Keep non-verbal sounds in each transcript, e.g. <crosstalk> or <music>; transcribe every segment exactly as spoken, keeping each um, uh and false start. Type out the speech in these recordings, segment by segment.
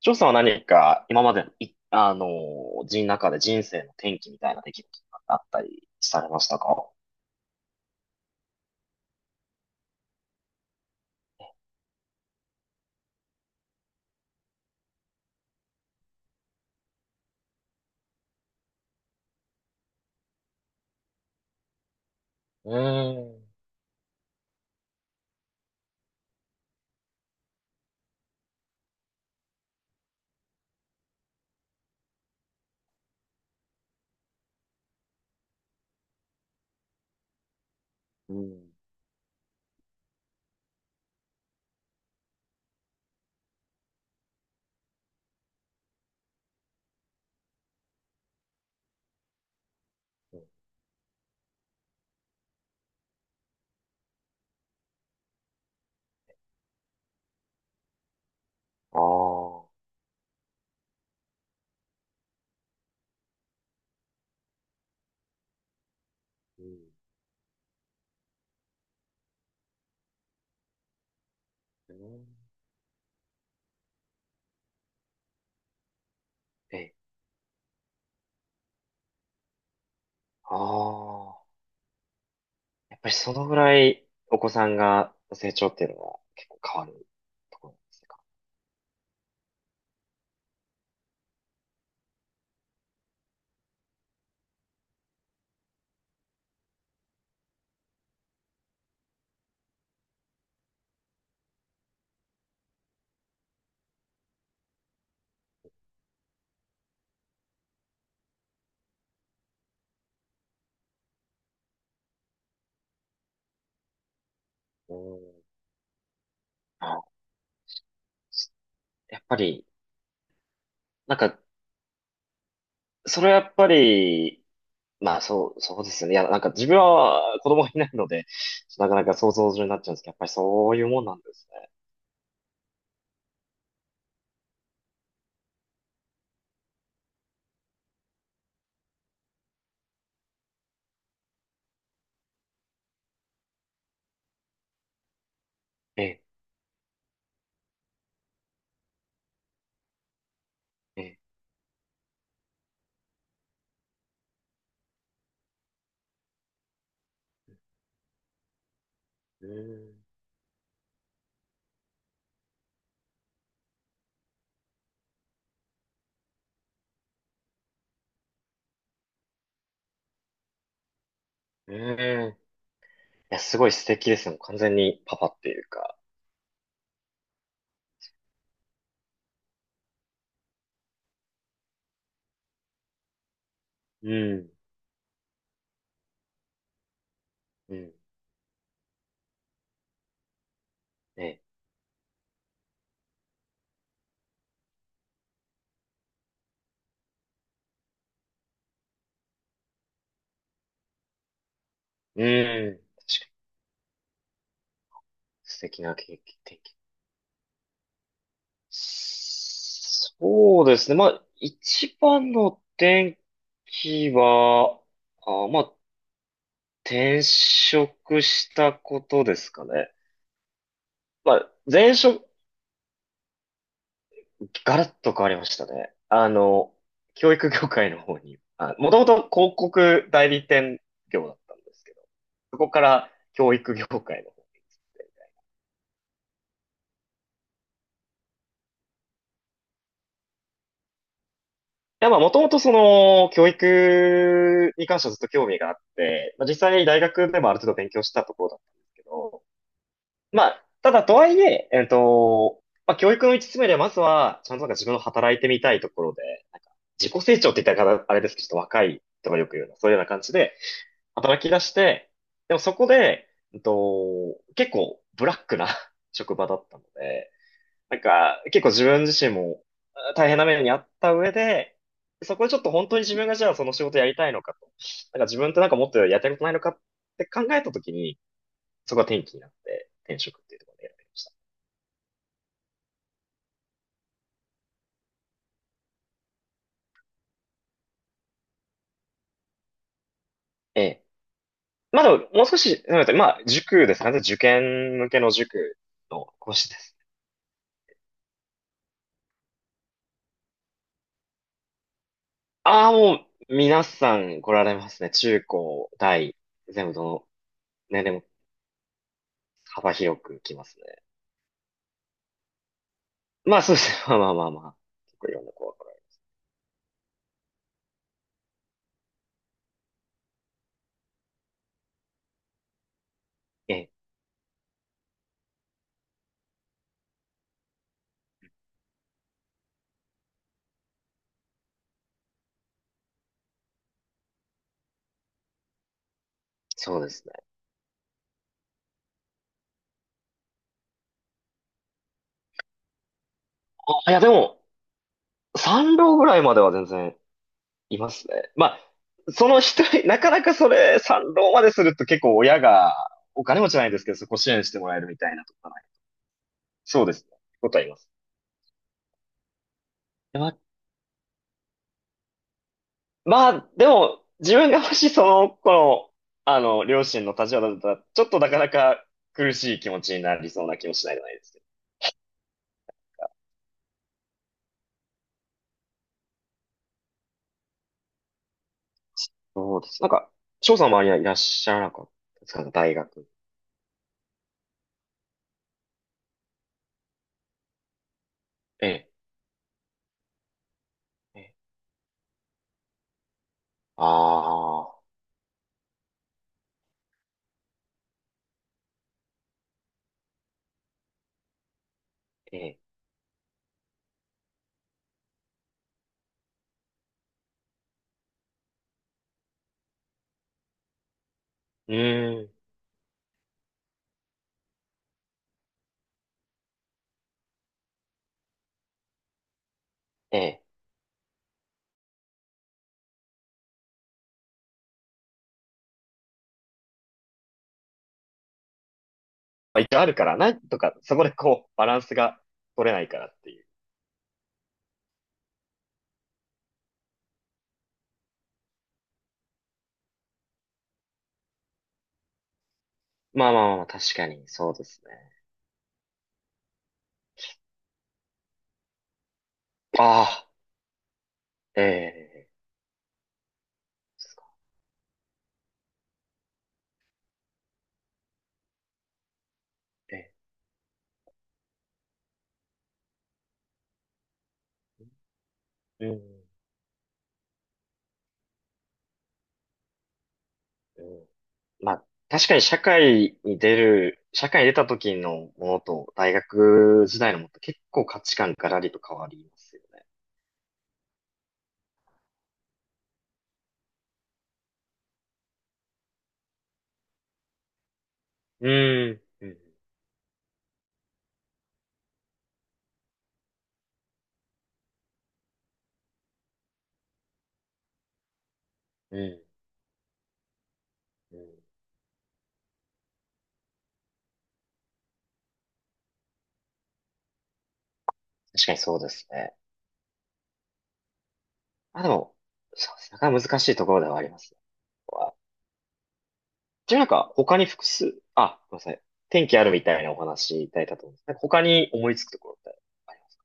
翔さんは何か今までのい、あのー、人中で人生の転機みたいな出来事があったりされましたか？うーん。うん。ああ、うん、うん、え、ああ、やっぱりそのぐらいお子さんが成長っていうのは結構変わるところなんですか？うん。あ、やっぱり、なんか、それはやっぱり、まあ、そう、そうですよね。いや、なんか自分は子供がいないので、なかなか想像上になっちゃうんですけど、やっぱりそういうもんなんですね。ええ、ええ、うーん、うーん。いや、すごい素敵ですね。もう完全にパパっていうか。うん、うん、ええ、うん。確かに素敵な経験。そうですね。まあ、一番の転機は、あ、まあ、転職したことですかね。まあ、前職、ガラッと変わりましたね。あの、教育業界の方に、あ、もともと広告代理店業だったんですけど、そこから教育業界の方いや、まあ、もともとその、教育に関してはずっと興味があって、まあ、実際に大学でもある程度勉強したところだったんですけど、まあ、ただとはいえ、えっと、まあ、教育の一つ目でまずは、ちゃんとなんか自分の働いてみたいところで、なんか自己成長って言ったらあれですけど、ちょっと若い人がよく言うような、そういうような感じで、働き出して、でもそこで、うんと、結構ブラックな <laughs> 職場だったので、なんか結構自分自身もあ大変な目にあった上で、そこでちょっと本当に自分がじゃあその仕事やりたいのかと、なんか自分ってなんかもっとやりたいことないのかって考えたときに、そこが転機になって転職っていうところで選びました。ええ。まあでも、もう少し、なんっまあ塾ですかね。受験向けの塾の講師です。ああ、もう、皆さん来られますね。中高、大、全部どの年齢も幅広く来ますね。まあそうですね。<laughs> まあまあまあまあ。結構いろんな子が来られええ、そうですね。あ、いやでも、三浪ぐらいまでは全然いますね。まあ、その一人、なかなかそれ、三浪まですると結構親が、お金持ちじゃないですけど、そこ支援してもらえるみたいなとかない。そうですね。ことはいます。まあ、でも、自分がもしその頃、あの、両親の立場だったら、ちょっとなかなか苦しい気持ちになりそうな気もしないじゃないですけど。そうです。なんか、翔さんの周りはいらっしゃらなかったですか大学？ええ。ええ、ああ、ええ。うーん。ええ。まあ、一応あるから、なんとか、そこでこう、バランスが取れないからっていう。まあまあまあまあ、確かに、そうですね。ああ、ええ。そうですか？ええ。うん。うん、まあ、確かに社会に出る、社会に出た時のものと大学時代のものって結構価値観がらりと変わりますよね。うん。うん。うん。うん、確かにそうですね。あ、でも、そうですね。なかなか難しいところではありますね。ここはじゃあなんか他に複数、あ、ごめんなさい。天気あるみたいなお話いただいたと思うんですね。なんか他に思いつくところってあります？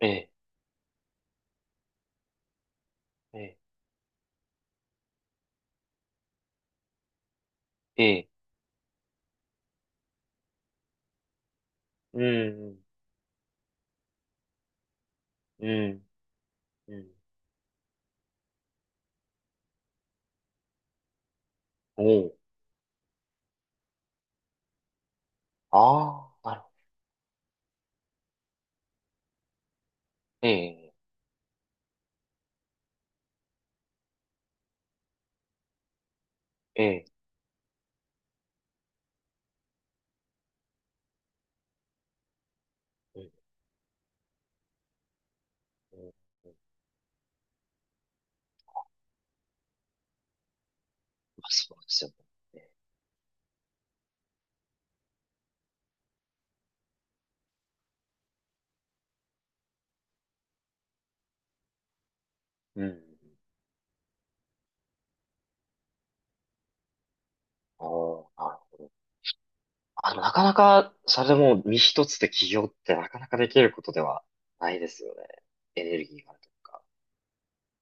ええ、ええ、ええ、うん、うん、うん。うん、おう、ああ、なるほど。ええ、ええ。うん、まあ、そうですよね。うん。おーあ、あ、なかなか、それでもう身一つで起業ってなかなかできることではないですよね。エネルギーがあるとか。